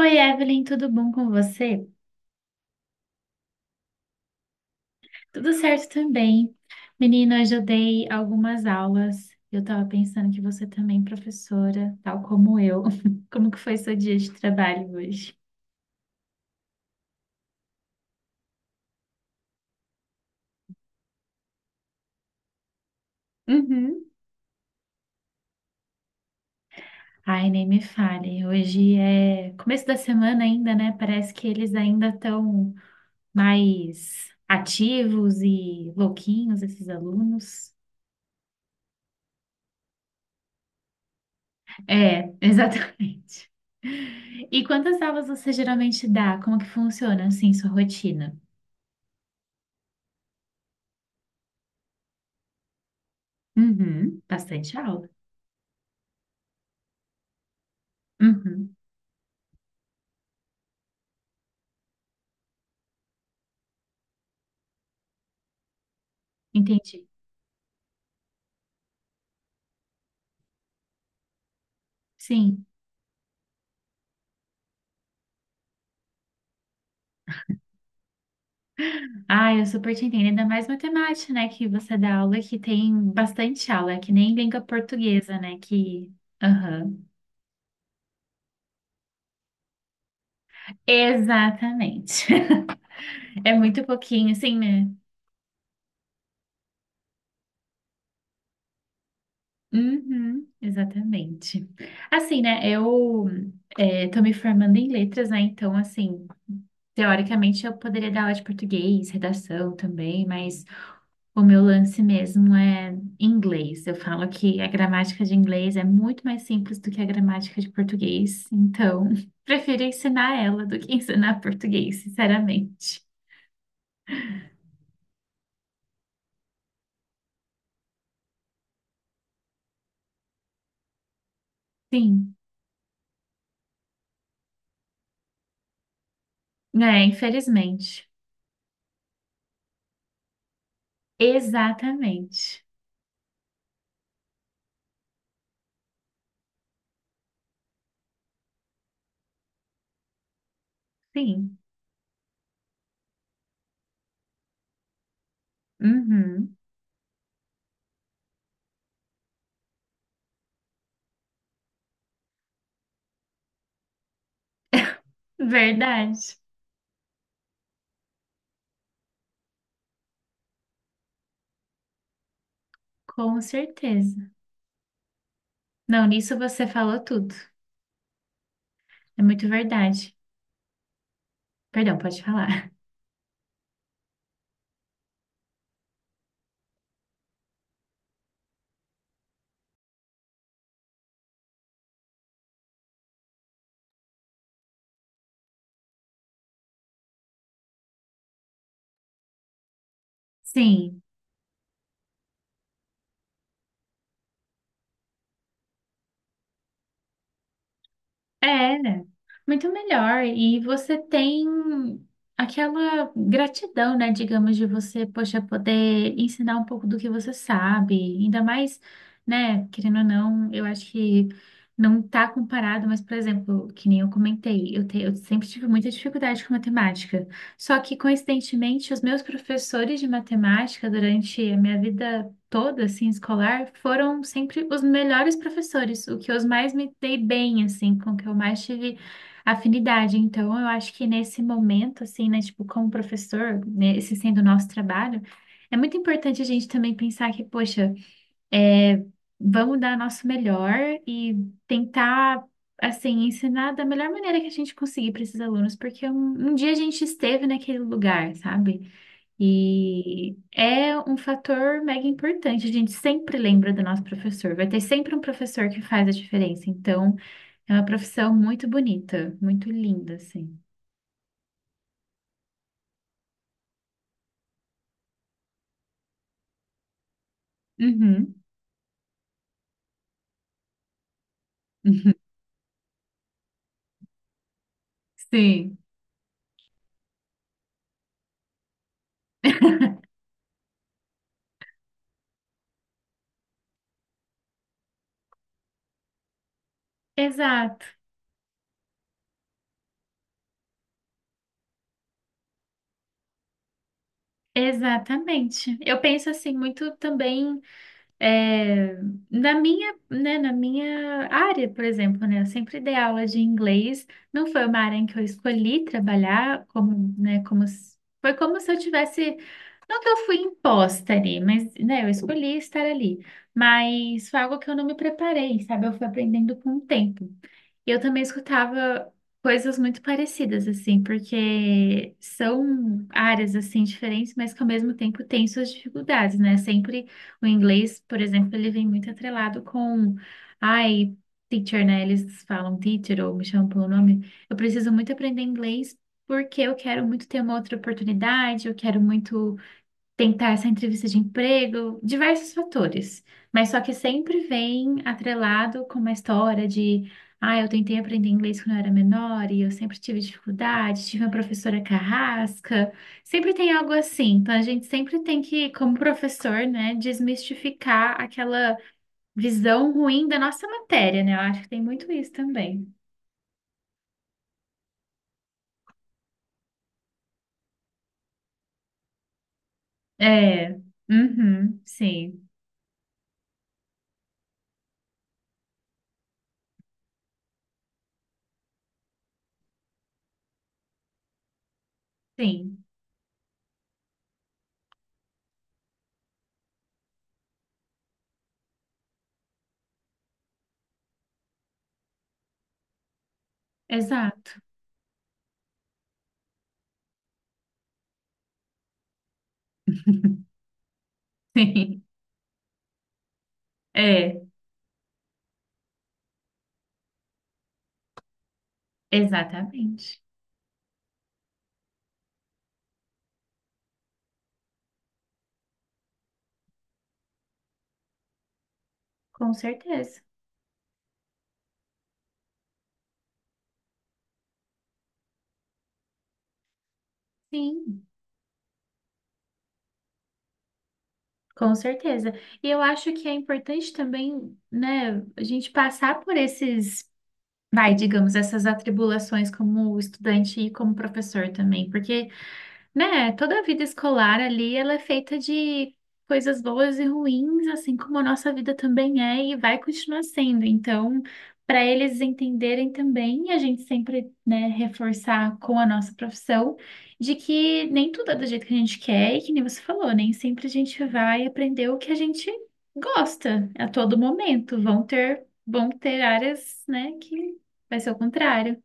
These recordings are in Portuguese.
Oi, Evelyn, tudo bom com você? Tudo certo também. Menina, hoje eu dei algumas aulas. Eu tava pensando que você também é professora, tal como eu. Como que foi seu dia de trabalho hoje? Uhum. Ai, nem me fale. Hoje é começo da semana ainda, né? Parece que eles ainda estão mais ativos e louquinhos, esses alunos. É, exatamente. E quantas aulas você geralmente dá? Como que funciona, assim, sua rotina? Uhum, bastante aula. Uhum, entendi. Sim. Ah, eu super te entendo. Ainda mais matemática, né? Que você dá aula que tem bastante aula, é que nem língua portuguesa, né? Que. Aham. Exatamente. É muito pouquinho, assim, né? Uhum, exatamente. Assim, né? Eu tô me formando em letras, né? Então, assim. Teoricamente, eu poderia dar aula de português, redação também, mas o meu lance mesmo é inglês. Eu falo que a gramática de inglês é muito mais simples do que a gramática de português, então prefiro ensinar ela do que ensinar português, sinceramente. Sim, é, infelizmente. Exatamente. Sim. Uhum. Verdade. Com certeza. Não, nisso você falou tudo. É muito verdade. Perdão, pode falar. Sim. É, muito melhor. E você tem aquela gratidão, né, digamos, de você, poxa, poder ensinar um pouco do que você sabe. Ainda mais, né, querendo ou não, eu acho que não tá comparado, mas, por exemplo, que nem eu comentei, eu sempre tive muita dificuldade com matemática. Só que, coincidentemente, os meus professores de matemática durante a minha vida toda, assim, escolar, foram sempre os melhores professores, o que eu mais me dei bem, assim, com o que eu mais tive afinidade. Então, eu acho que nesse momento, assim, né, tipo, como professor, né, esse sendo o nosso trabalho, é muito importante a gente também pensar que, poxa, é, vamos dar nosso melhor e tentar. Assim, ensinar da melhor maneira que a gente conseguir para esses alunos, porque um dia a gente esteve naquele lugar, sabe? E é um fator mega importante. A gente sempre lembra do nosso professor. Vai ter sempre um professor que faz a diferença. Então, é uma profissão muito bonita, muito linda, assim. Uhum. Sim. Exato, exatamente. Eu penso assim muito também. É, na minha, né, na minha área, por exemplo, né, eu sempre dei aula de inglês, não foi uma área em que eu escolhi trabalhar, como, né, como, se- foi como se eu tivesse, não que eu fui imposta ali, mas, né, eu escolhi estar ali, mas foi algo que eu não me preparei, sabe, eu fui aprendendo com o tempo. E eu também escutava coisas muito parecidas, assim, porque são áreas, assim, diferentes, mas que ao mesmo tempo têm suas dificuldades, né? Sempre o inglês, por exemplo, ele vem muito atrelado com, ai, teacher, né? Eles falam teacher ou me chamam pelo nome. Eu preciso muito aprender inglês porque eu quero muito ter uma outra oportunidade, eu quero muito tentar essa entrevista de emprego, diversos fatores, mas só que sempre vem atrelado com uma história de, ah, eu tentei aprender inglês quando eu era menor e eu sempre tive dificuldade, tive uma professora carrasca, sempre tem algo assim, então a gente sempre tem que, como professor, né, desmistificar aquela visão ruim da nossa matéria, né? Eu acho que tem muito isso também. É, uhum, sim, sim, exato, sim, é, exatamente. Com certeza. Sim, com certeza. E eu acho que é importante também, né, a gente passar por esses, vai, digamos, essas atribulações como estudante e como professor também, porque. Né? Toda a vida escolar ali, ela é feita de coisas boas e ruins, assim como a nossa vida também é e vai continuar sendo. Então, para eles entenderem também, a gente sempre, né, reforçar com a nossa profissão de que nem tudo é do jeito que a gente quer e que nem você falou, nem sempre a gente vai aprender o que a gente gosta a todo momento. Vão ter áreas, né, que vai ser o contrário.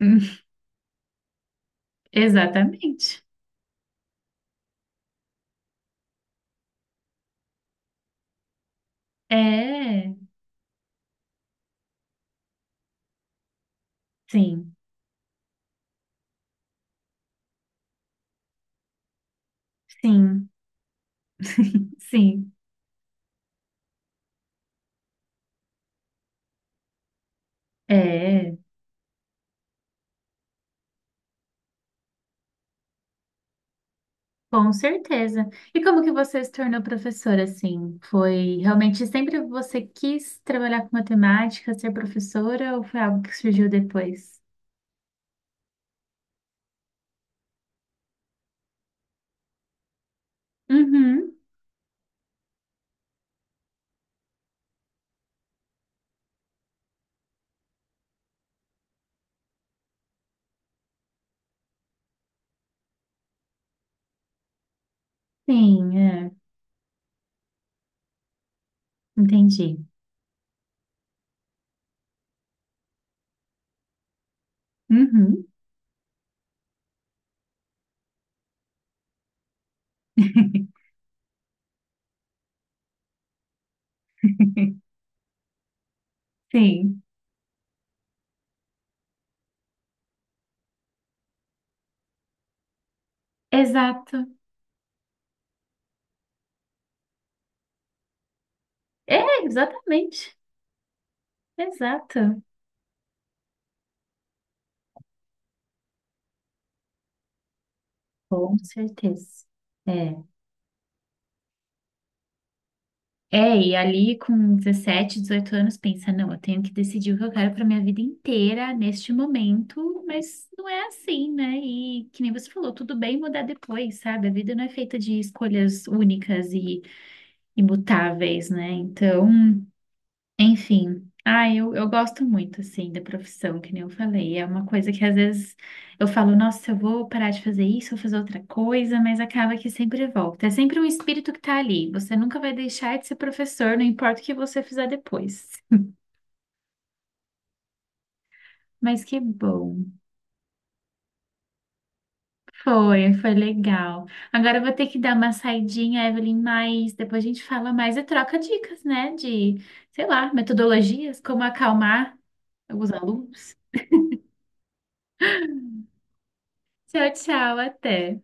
Exatamente. É, sim. Sim, sim. É, com certeza. E como que você se tornou professora, assim? Foi realmente sempre você quis trabalhar com matemática, ser professora, ou foi algo que surgiu depois? Uhum, sim, é, entendi. Uhum, sim, exato. É, exatamente, exato. Com certeza. É. É, e ali com 17, 18 anos, pensa, não, eu tenho que decidir o que eu quero para minha vida inteira neste momento, mas não é assim, né? E que nem você falou, tudo bem mudar depois, sabe? A vida não é feita de escolhas únicas e imutáveis, né? Então, enfim, ah, eu gosto muito, assim, da profissão, que nem eu falei. É uma coisa que às vezes eu falo, nossa, eu vou parar de fazer isso, vou fazer outra coisa, mas acaba que sempre volta. É sempre um espírito que tá ali. Você nunca vai deixar de ser professor, não importa o que você fizer depois. Mas que bom. Foi, foi legal. Agora eu vou ter que dar uma saidinha, Evelyn, mas depois a gente fala mais e troca dicas, né? De, sei lá, metodologias, como acalmar os alunos. Tchau, tchau, até.